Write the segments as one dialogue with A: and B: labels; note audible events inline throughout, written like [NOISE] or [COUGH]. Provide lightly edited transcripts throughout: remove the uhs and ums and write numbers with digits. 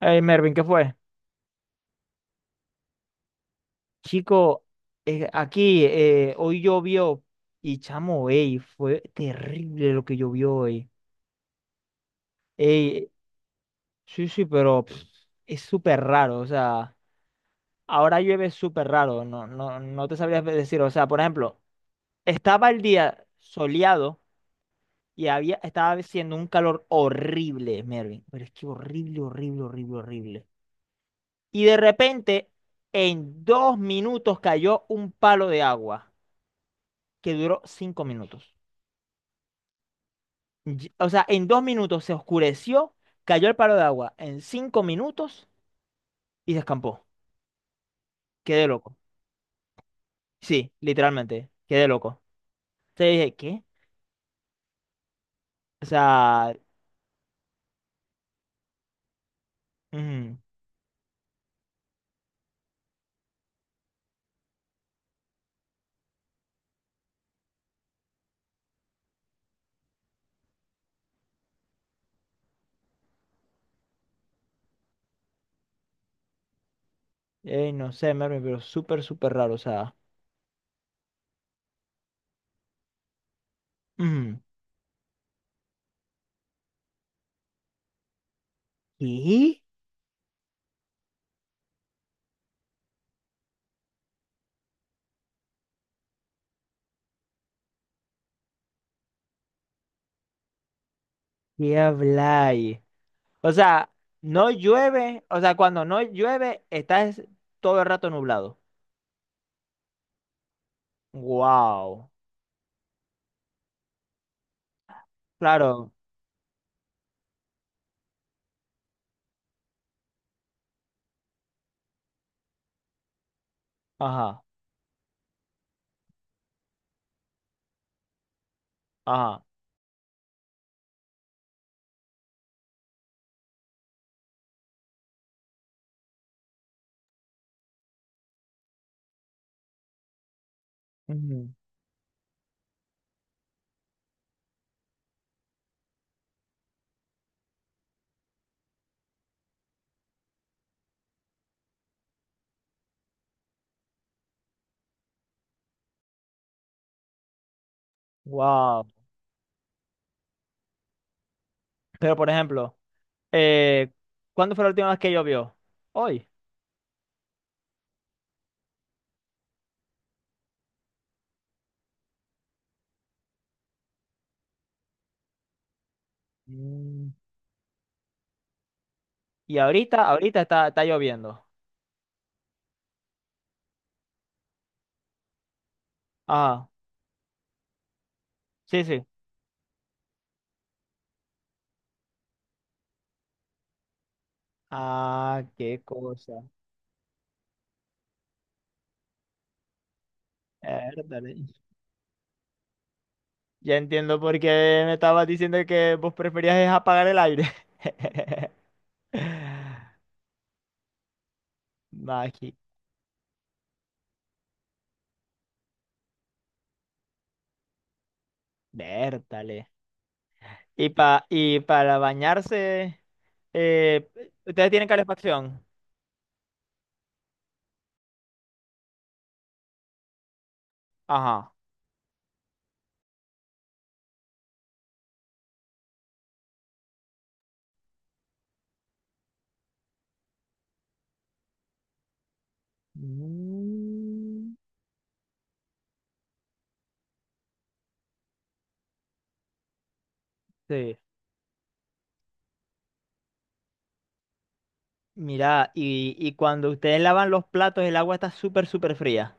A: Hey Mervin, ¿qué fue? Chico, aquí hoy llovió y chamo, ey, fue terrible lo que llovió hoy. Ey, sí, sí, pero pff, es súper raro, o sea, ahora llueve súper raro, no, no, no te sabría decir, o sea, por ejemplo, estaba el día soleado y estaba haciendo un calor horrible, Mervin, pero es que horrible, horrible, horrible, horrible. Y de repente, en 2 minutos cayó un palo de agua que duró 5 minutos. O sea, en 2 minutos se oscureció, cayó el palo de agua en 5 minutos y se escampó. Quedé loco. Sí, literalmente, quedé loco. Te dije, ¿qué? O sea, ujú, no sé, Mervin, pero súper, súper raro. O sea, ujú, ¿qué? ¿Qué habláis? O sea, no llueve, o sea, cuando no llueve, todo el rato nublado. Wow. Claro. Ajá, ajá. Wow. Pero, por ejemplo, eh, ¿cuándo fue la última vez que llovió? Hoy. Mm. Y ahorita, ahorita está lloviendo. Ah, sí, sí. Ah, qué cosa. Érdale. Ya entiendo por qué me estabas diciendo que vos preferías es apagar el aire. [LAUGHS] Magi. Vértale. Y, y para bañarse, eh, ¿ustedes tienen calefacción? Ajá. Mm. Sí. Mira, y cuando ustedes lavan los platos, el agua está súper, súper fría.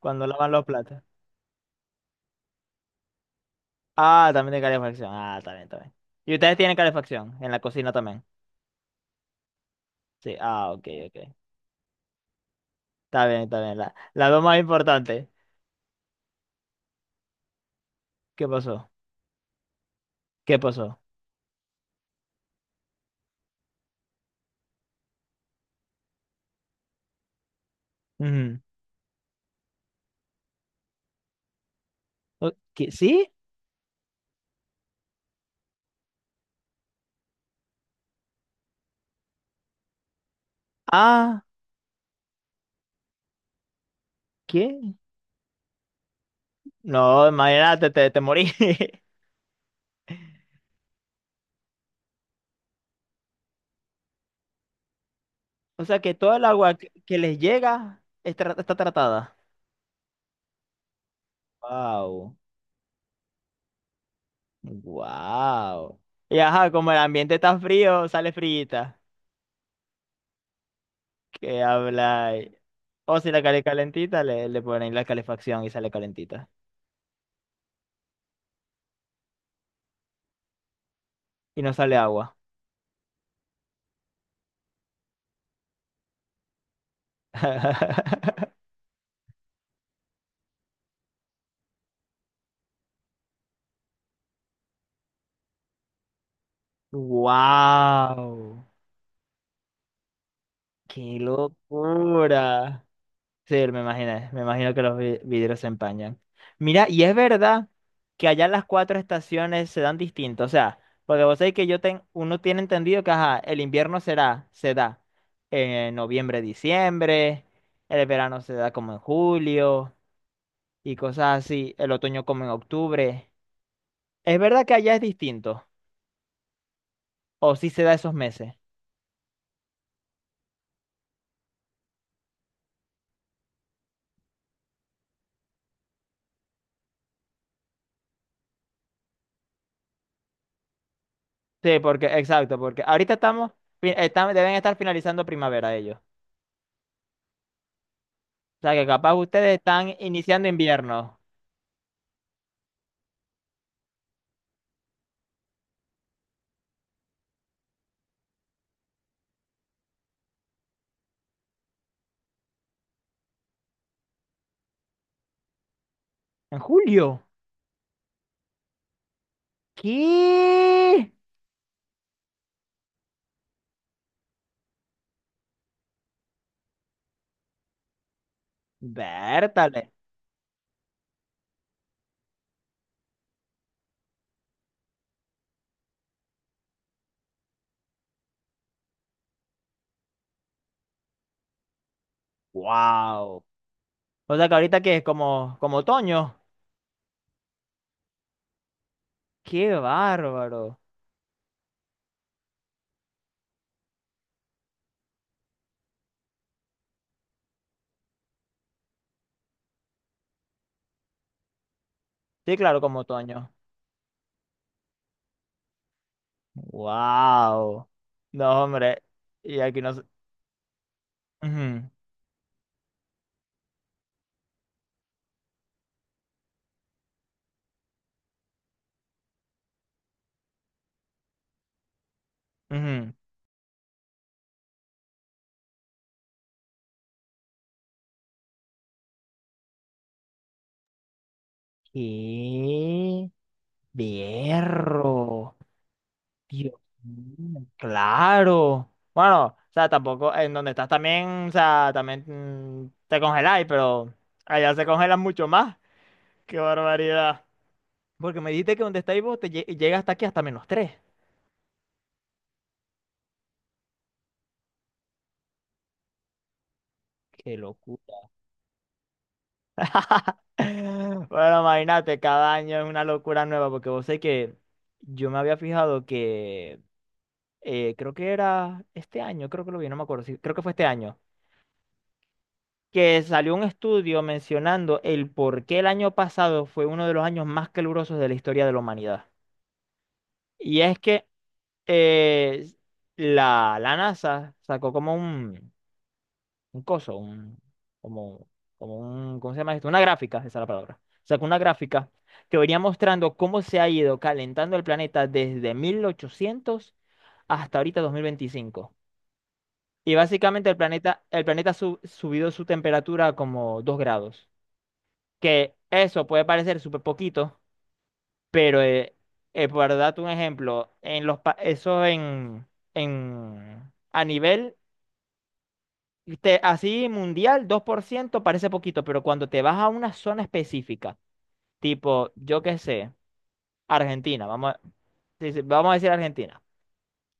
A: Cuando lavan los platos. Ah, también de calefacción. Ah, está bien, está bien. Y ustedes tienen calefacción en la cocina también. Sí, ah, ok, ok. Está bien, está bien. La dos más importante. ¿Qué pasó? ¿Qué pasó? Ujú. ¿Sí? Ah, ¿qué? No, imagínate, te morí. [LAUGHS] O sea que todo el agua que les llega está tratada. Wow. Wow. Y ajá, como el ambiente está frío, sale frita. ¿Qué habláis? O si la calle calentita, le ponen la calefacción y sale calentita. Y no sale agua. [LAUGHS] Wow. ¡Qué locura! Sí, me imagino que los vidrios se empañan. Mira, y es verdad que allá las cuatro estaciones se dan distinto, o sea, porque vos sabés que uno tiene entendido que ajá, el invierno se da en noviembre, diciembre, el verano se da como en julio y cosas así, el otoño como en octubre. ¿Es verdad que allá es distinto? ¿O sí se da esos meses? Sí, porque, exacto, porque ahorita estamos, deben estar finalizando primavera ellos. O sea, que capaz ustedes están iniciando invierno. En julio. ¿Qué? Vértale. Wow. O sea que ahorita que es como, otoño. Qué bárbaro. Sí, claro, como otoño. Wow. No, hombre. Y aquí no sé. Ujú, ujú. ¡Qué berro! Dios mío, claro. Bueno, o sea, tampoco en donde estás también, o sea, también te congeláis, pero allá se congelan mucho más. ¡Qué barbaridad! Porque me dijiste que donde estáis vos llega hasta aquí, hasta -3. Qué locura. [LAUGHS] Bueno, imagínate, cada año es una locura nueva, porque vos sé que yo me había fijado que creo que era este año, creo que lo vi, no me acuerdo, sí, creo que fue este año, que salió un estudio mencionando el por qué el año pasado fue uno de los años más calurosos de la historia de la humanidad. Y es que eh, la NASA sacó como un coso, como, como un, ¿cómo se llama esto? Una gráfica, esa es la palabra. Sacó una gráfica que venía mostrando cómo se ha ido calentando el planeta desde 1800 hasta ahorita 2025. Y básicamente el planeta ha subido su temperatura como 2 grados. Que eso puede parecer súper poquito, pero por darte un ejemplo, en los, eso en, a nivel así mundial, 2% parece poquito, pero cuando te vas a una zona específica, tipo, yo qué sé, Argentina, sí, sí, vamos a decir Argentina,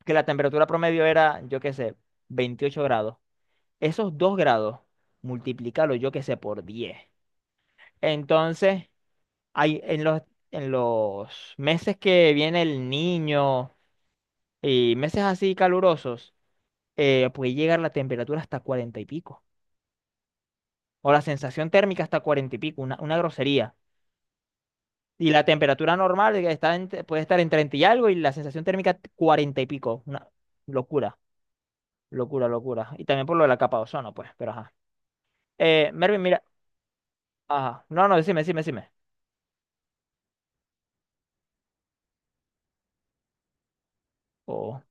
A: que la temperatura promedio era, yo qué sé, 28 grados. Esos 2 grados, multiplícalo, yo qué sé, por 10. Entonces, hay, en los meses que viene el niño y meses así calurosos, puede llegar la temperatura hasta 40 y pico. O la sensación térmica hasta 40 y pico, una grosería. Y la temperatura normal puede estar en 30 y algo y la sensación térmica 40 y pico. Una locura, locura, locura. Y también por lo de la capa de ozono, pues, pero ajá. Mervin, mira. Ajá. No, no, decime, decime, decime. Oh,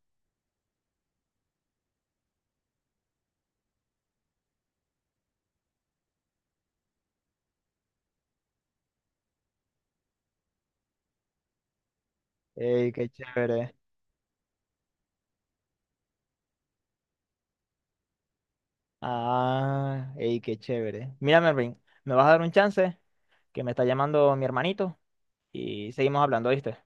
A: ey, qué chévere. Ah, ey, qué chévere. Mira, Mervin, me vas a dar un chance que me está llamando mi hermanito y seguimos hablando, ¿viste?